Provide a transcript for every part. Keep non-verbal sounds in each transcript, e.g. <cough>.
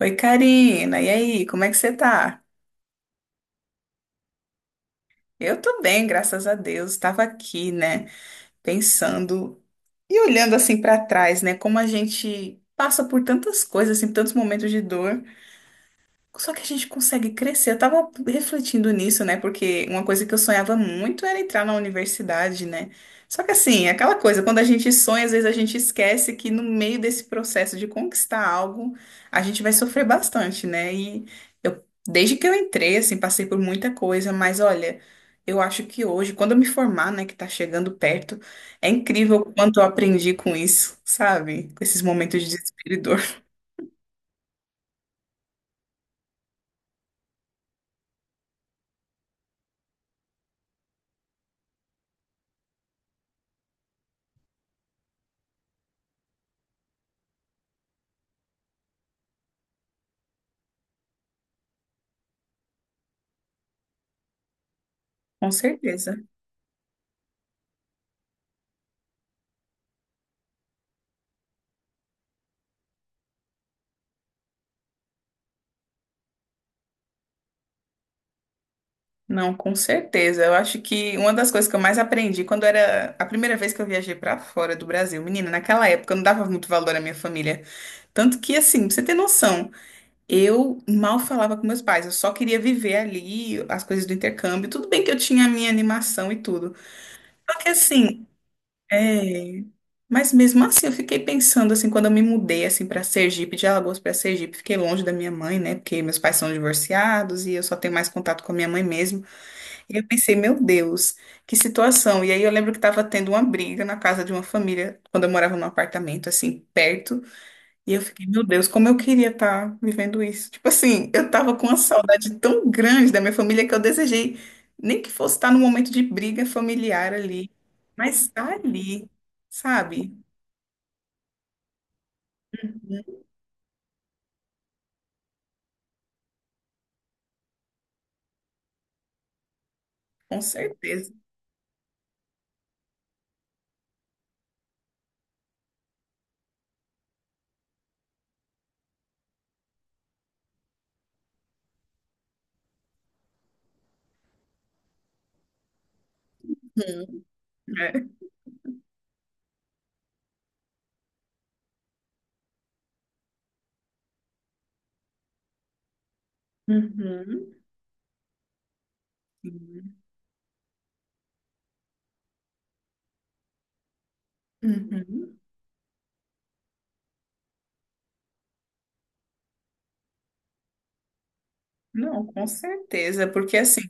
Oi, Karina. E aí, como é que você tá? Eu tô bem, graças a Deus. Estava aqui, né, pensando e olhando assim pra trás, né, como a gente passa por tantas coisas, assim, tantos momentos de dor. Só que a gente consegue crescer. Eu tava refletindo nisso, né? Porque uma coisa que eu sonhava muito era entrar na universidade, né? Só que assim, é aquela coisa, quando a gente sonha, às vezes a gente esquece que no meio desse processo de conquistar algo, a gente vai sofrer bastante, né? E eu, desde que eu entrei, assim, passei por muita coisa, mas olha, eu acho que hoje, quando eu me formar, né, que tá chegando perto, é incrível o quanto eu aprendi com isso, sabe? Com esses momentos de desespero e dor. <laughs> Com certeza. Não, com certeza. Eu acho que uma das coisas que eu mais aprendi quando era a primeira vez que eu viajei pra fora do Brasil, menina, naquela época eu não dava muito valor à minha família. Tanto que, assim, pra você ter noção, eu mal falava com meus pais, eu só queria viver ali as coisas do intercâmbio. Tudo bem que eu tinha a minha animação e tudo. Só que, assim, é. Mas mesmo assim, eu fiquei pensando, assim, quando eu me mudei, assim, para Sergipe, de Alagoas pra Sergipe, fiquei longe da minha mãe, né? Porque meus pais são divorciados e eu só tenho mais contato com a minha mãe mesmo. E eu pensei, meu Deus, que situação. E aí eu lembro que estava tendo uma briga na casa de uma família, quando eu morava num apartamento, assim, perto. E eu fiquei, meu Deus, como eu queria estar vivendo isso. Tipo assim, eu tava com uma saudade tão grande da minha família que eu desejei, nem que fosse estar num momento de briga familiar ali, mas tá ali, sabe? Com certeza. Hum, é. Uhum. Uhum. Não, com certeza, porque assim.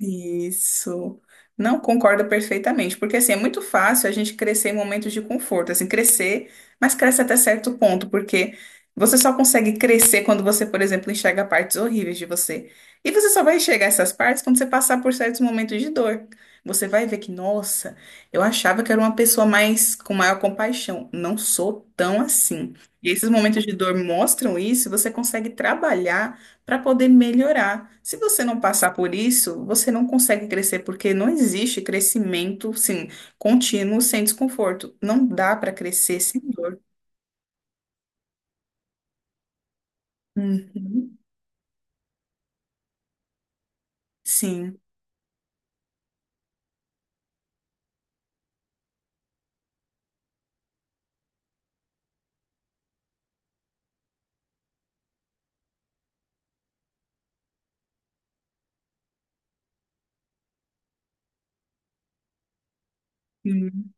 Isso. Não concordo perfeitamente, porque assim, é muito fácil a gente crescer em momentos de conforto, assim, crescer, mas cresce até certo ponto, porque você só consegue crescer quando você, por exemplo, enxerga partes horríveis de você. E você só vai enxergar essas partes quando você passar por certos momentos de dor. Você vai ver que, nossa, eu achava que era uma pessoa mais com maior compaixão. Não sou tão assim. E esses momentos de dor mostram isso, e você consegue trabalhar para poder melhorar. Se você não passar por isso, você não consegue crescer, porque não existe crescimento, sim, contínuo sem desconforto. Não dá para crescer sem dor. Uhum. Sim, sim.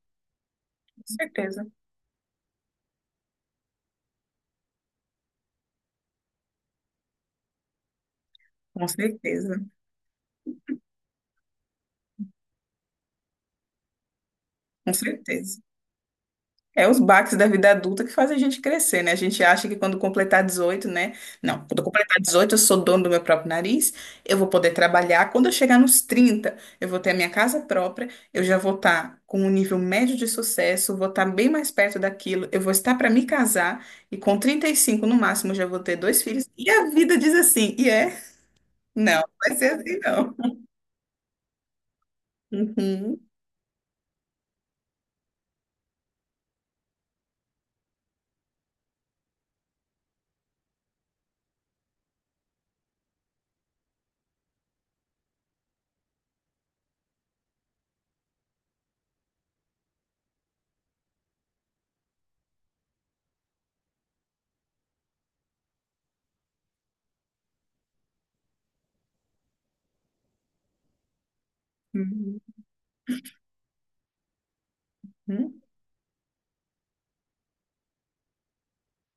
Com certeza. Com certeza, com certeza. É os baques da vida adulta que fazem a gente crescer, né? A gente acha que quando completar 18, né? Não, quando eu completar 18 eu sou dono do meu próprio nariz, eu vou poder trabalhar. Quando eu chegar nos 30, eu vou ter a minha casa própria, eu já vou estar com um nível médio de sucesso, vou estar bem mais perto daquilo, eu vou estar para me casar, e com 35 no máximo eu já vou ter dois filhos. E a vida diz assim, e é? Não, vai ser assim não. Uhum. Uhum. Uhum.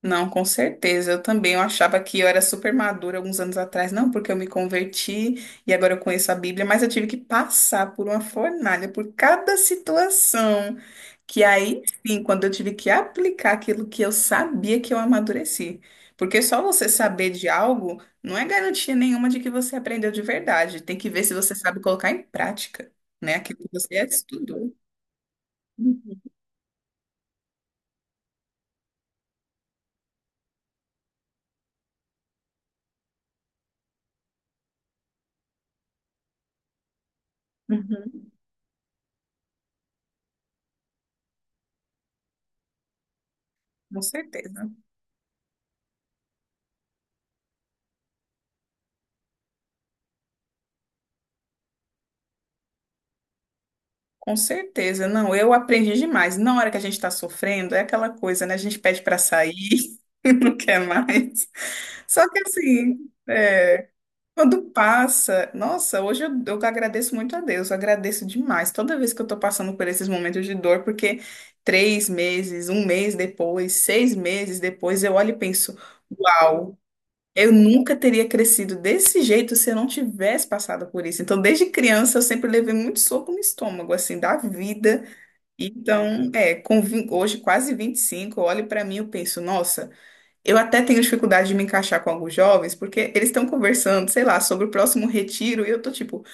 Não, com certeza. Eu também. Eu achava que eu era super madura alguns anos atrás. Não, porque eu me converti e agora eu conheço a Bíblia, mas eu tive que passar por uma fornalha, por cada situação. Que aí sim, quando eu tive que aplicar aquilo que eu sabia que eu amadureci. Porque só você saber de algo não é garantia nenhuma de que você aprendeu de verdade. Tem que ver se você sabe colocar em prática, né? Aquilo que você estudou. Uhum. Uhum. Com certeza. Com certeza, não, eu aprendi demais. Na hora que a gente está sofrendo, é aquela coisa, né? A gente pede para sair, <laughs> não quer mais. Só que assim, é, quando passa, nossa, hoje eu agradeço muito a Deus, eu agradeço demais toda vez que eu estou passando por esses momentos de dor, porque três meses, um mês depois, seis meses depois, eu olho e penso, uau. Eu nunca teria crescido desse jeito se eu não tivesse passado por isso. Então, desde criança, eu sempre levei muito soco no estômago, assim, da vida. Então, é, hoje quase 25, eu olho pra mim e penso, nossa, eu até tenho dificuldade de me encaixar com alguns jovens, porque eles estão conversando, sei lá, sobre o próximo retiro, e eu tô tipo,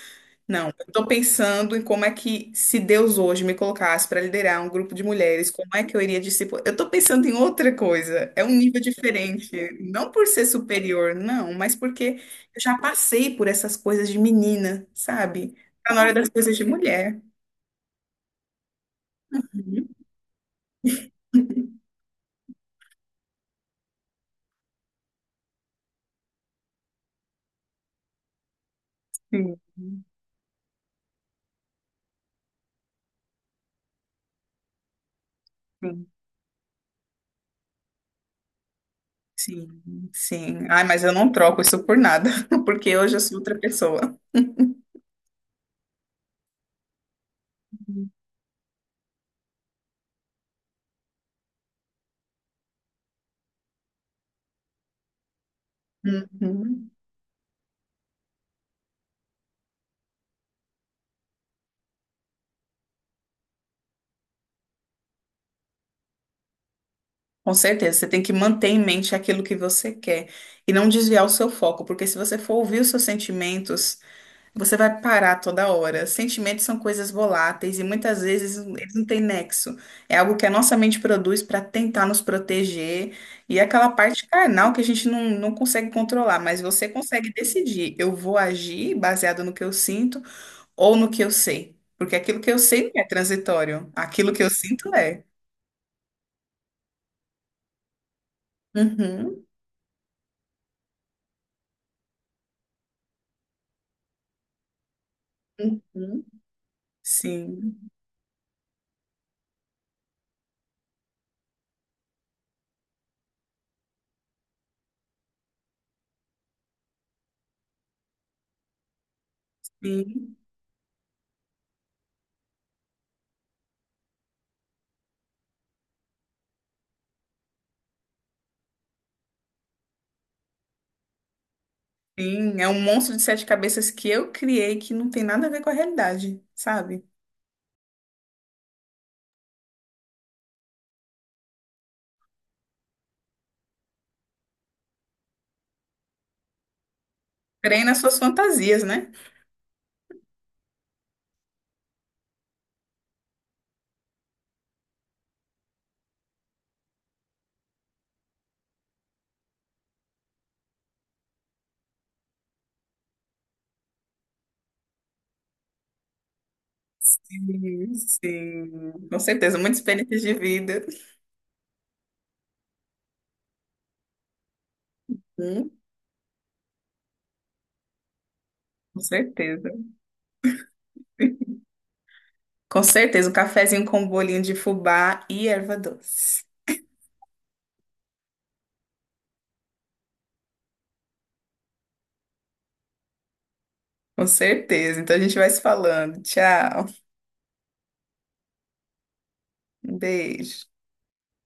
não, eu tô pensando em como é que, se Deus hoje me colocasse para liderar um grupo de mulheres, como é que eu iria discipular? Eu estou pensando em outra coisa, é um nível diferente, não por ser superior, não, mas porque eu já passei por essas coisas de menina, sabe? Tá na hora das coisas de mulher. Uhum. Sim, sim, sim, sim. Ai, mas eu não troco isso por nada, <laughs> porque hoje eu sou outra pessoa. Uhum. Com certeza, você tem que manter em mente aquilo que você quer e não desviar o seu foco, porque se você for ouvir os seus sentimentos, você vai parar toda hora. Sentimentos são coisas voláteis e muitas vezes eles não têm nexo. É algo que a nossa mente produz para tentar nos proteger e é aquela parte carnal que a gente não consegue controlar, mas você consegue decidir: eu vou agir baseado no que eu sinto ou no que eu sei, porque aquilo que eu sei não é transitório, aquilo que eu sinto é. Uhum, uhum, sim. Sim, sim, é um monstro de sete cabeças que eu criei que não tem nada a ver com a realidade, sabe? Creio nas suas fantasias, né? Sim, sim, com certeza, muita experiência de vida. Hum, com certeza. Com certeza, um cafezinho com um bolinho de fubá e erva doce. Com certeza. Então a gente vai se falando. Tchau. Um beijo.